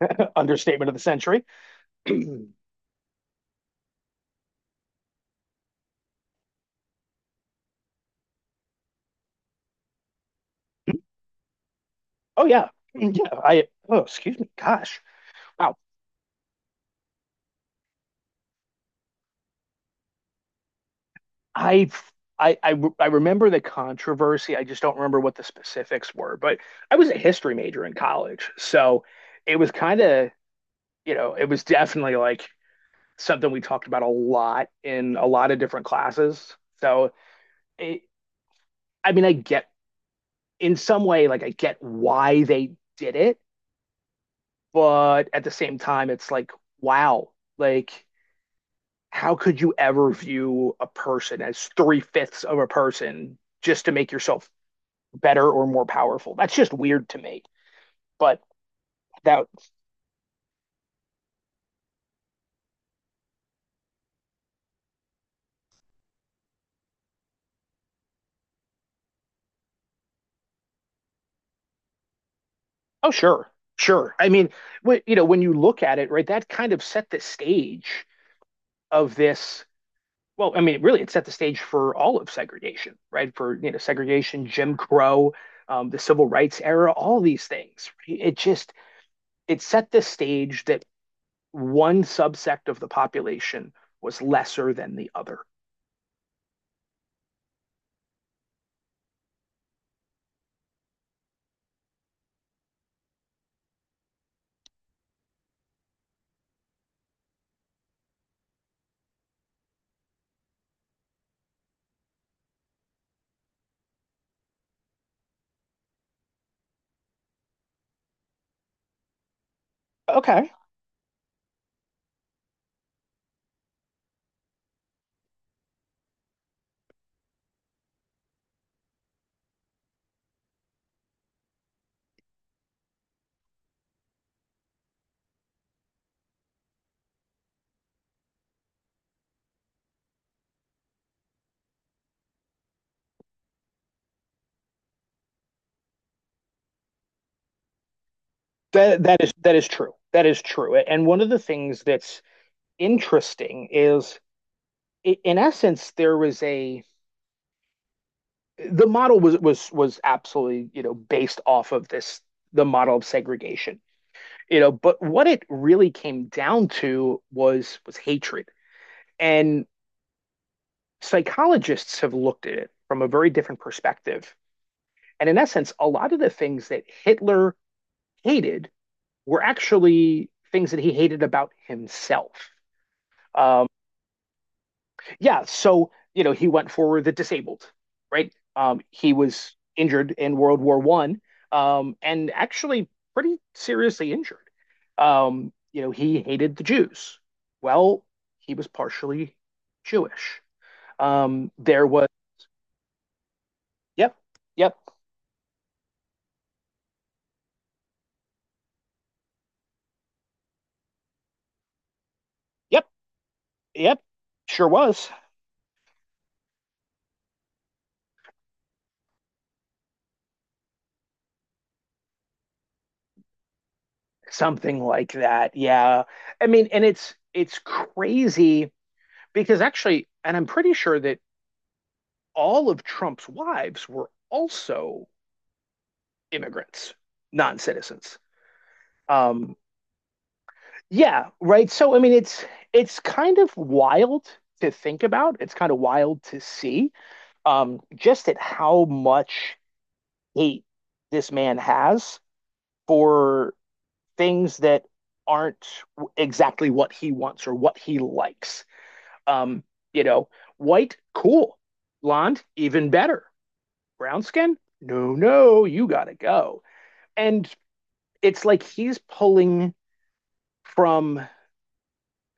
Understatement of the century. oh yeah, yeah. I oh excuse me. Gosh, wow. I I remember the controversy. I just don't remember what the specifics were. But I was a history major in college, so it was kind of you know it was definitely like something we talked about a lot in a lot of different classes. So it, I mean, I get in some way like I get why they did it, but at the same time, it's like wow, like how could you ever view a person as three-fifths of a person just to make yourself better or more powerful? That's just weird to me. But that, oh, sure, sure. I mean, you know, when you look at it, right, that kind of set the stage of this. Well, I mean, really, it set the stage for all of segregation, right? For, you know, segregation, Jim Crow, the civil rights era, all these things, right? It set the stage that one subsect of the population was lesser than the other. Okay. That is that is true. That is true. And one of the things that's interesting is in essence there was a the model was was absolutely, you know, based off of this the model of segregation. You know, but what it really came down to was hatred. And psychologists have looked at it from a very different perspective. And in essence, a lot of the things that Hitler hated were actually things that he hated about himself. Um, yeah, so you know he went for the disabled, right? He was injured in World War One, and actually pretty seriously injured. You know, he hated the Jews. Well, he was partially Jewish. There was yep, yep, yep, yep, sure was something like that. Yeah, I mean, and it's crazy because actually, and I'm pretty sure that all of Trump's wives were also immigrants, non citizens. Um, yeah, right. So I mean, it's kind of wild to think about. It's kind of wild to see just at how much hate this man has for things that aren't exactly what he wants or what he likes. Um, you know, white, cool. Blonde, even better. Brown skin, no, no, you gotta go. And it's like he's pulling from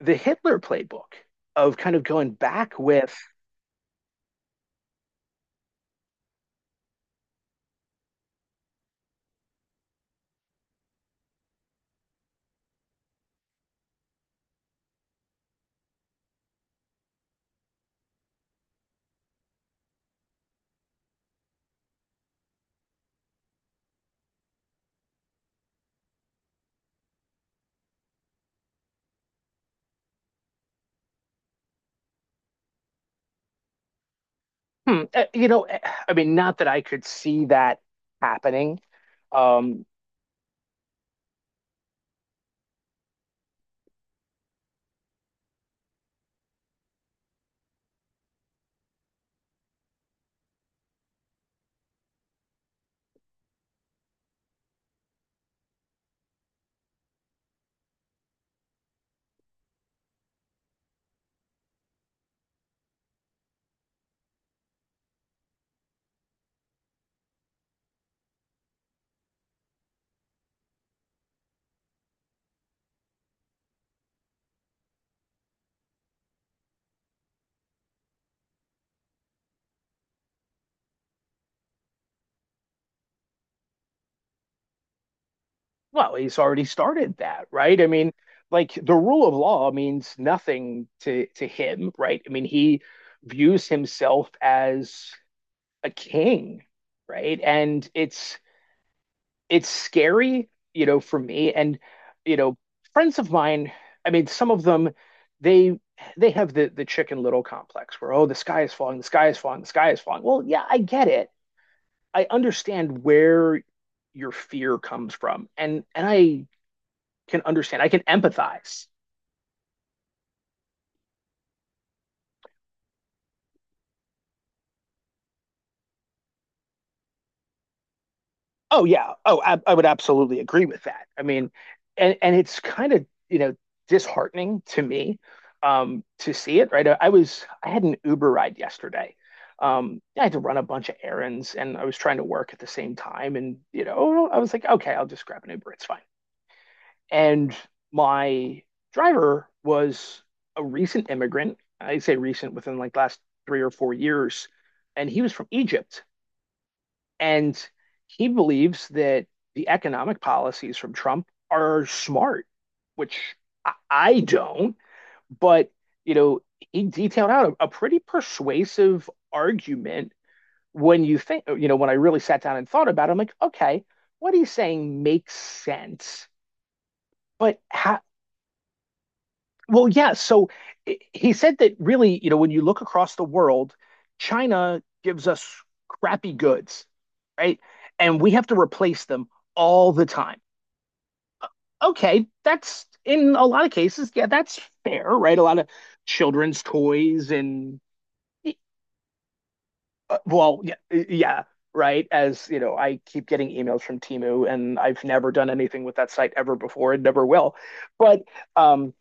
the Hitler playbook of kind of going back with, hmm, uh, you know, uh, I mean, not that I could see that happening. Um, well, he's already started that, right? I mean, like the rule of law means nothing to him, right? I mean, he views himself as a king, right? And it's scary, you know, for me. And, you know, friends of mine, I mean, some of them, they they have the Chicken Little complex where, oh, the sky is falling, the sky is falling, the sky is falling. Well, yeah, I get it. I understand where your fear comes from. And I can understand. I can empathize. Oh yeah. Oh, I would absolutely agree with that. I mean, and it's kind of, you know, disheartening to me to see it, right? I was I had an Uber ride yesterday. I had to run a bunch of errands and I was trying to work at the same time and, you know, I was like, okay, I'll just grab an Uber, it's fine. And my driver was a recent immigrant. I say recent within like last 3 or 4 years, and he was from Egypt. And he believes that the economic policies from Trump are smart, which I don't. But, you know, he detailed out a pretty persuasive argument when you think, you know, when I really sat down and thought about it, I'm like, okay, what he's saying makes sense. But how, Well, yeah. So he said that really, you know, when you look across the world, China gives us crappy goods, right? And we have to replace them all the time. Okay, that's in a lot of cases, yeah, that's fair, right? A lot of children's toys and e, well, yeah, right. As you know, I keep getting emails from Timu, and I've never done anything with that site ever before, and never will. But um,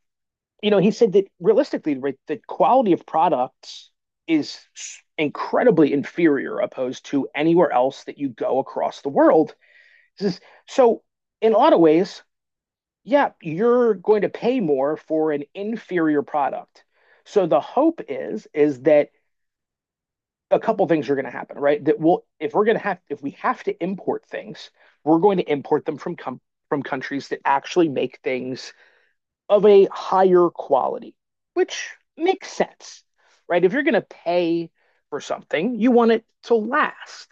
you know, he said that realistically, right, the quality of products is incredibly inferior opposed to anywhere else that you go across the world. This is, so, in a lot of ways, yeah, you're going to pay more for an inferior product. So the hope is that a couple things are going to happen, right? That we'll if we're going to have if we have to import things, we're going to import them from countries that actually make things of a higher quality, which makes sense, right? If you're going to pay for something, you want it to last.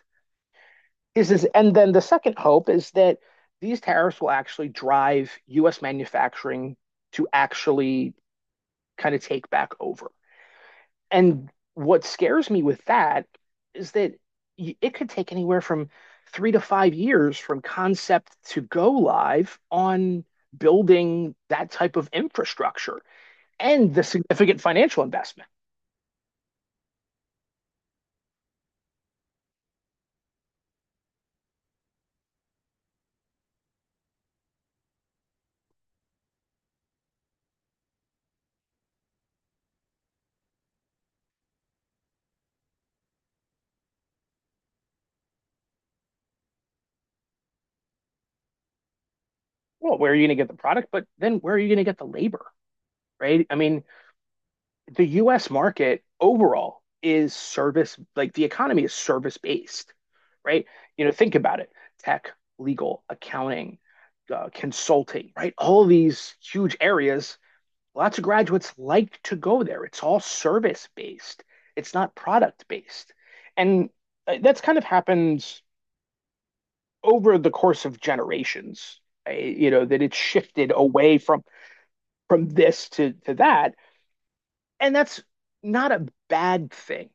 And then the second hope is that these tariffs will actually drive US manufacturing to actually kind of take back over. And what scares me with that is that it could take anywhere from 3 to 5 years from concept to go live on building that type of infrastructure and the significant financial investment. Well, where are you going to get the product? But then where are you going to get the labor? Right. I mean, the US market overall is service, like the economy is service based, right? You know, think about it tech, legal, accounting, consulting, right? All these huge areas, lots of graduates like to go there. It's all service based, it's not product based. And that's kind of happened over the course of generations. You know that it's shifted away from this to that, and that's not a bad thing.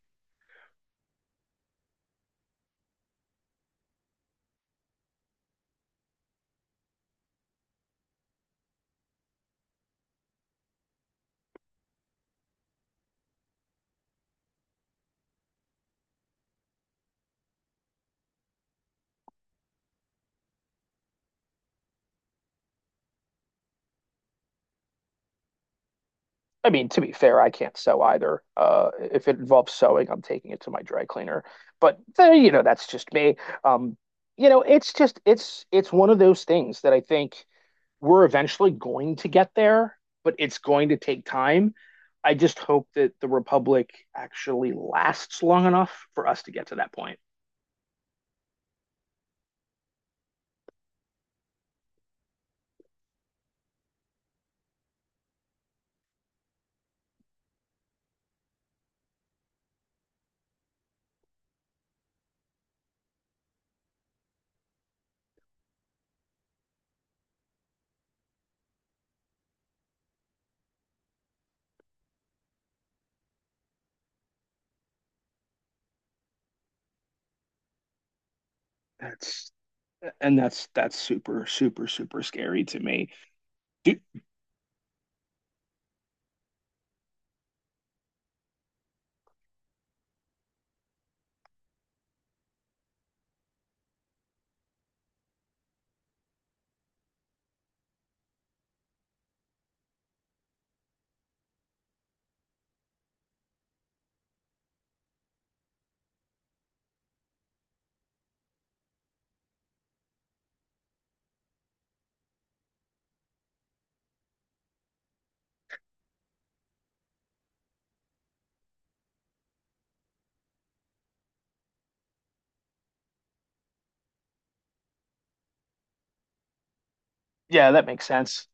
I mean, to be fair, I can't sew either. If it involves sewing, I'm taking it to my dry cleaner. But you know, that's just me. Um, you know, it's just it's one of those things that I think we're eventually going to get there, but it's going to take time. I just hope that the Republic actually lasts long enough for us to get to that point. That's and that's that's super super super scary to me. Do- Yeah, that makes sense.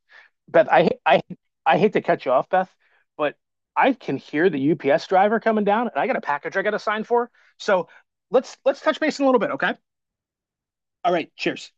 Beth, I hate to cut you off, Beth, but I can hear the UPS driver coming down, and I got a package I got to sign for. So let's touch base in a little bit, okay? All right, cheers.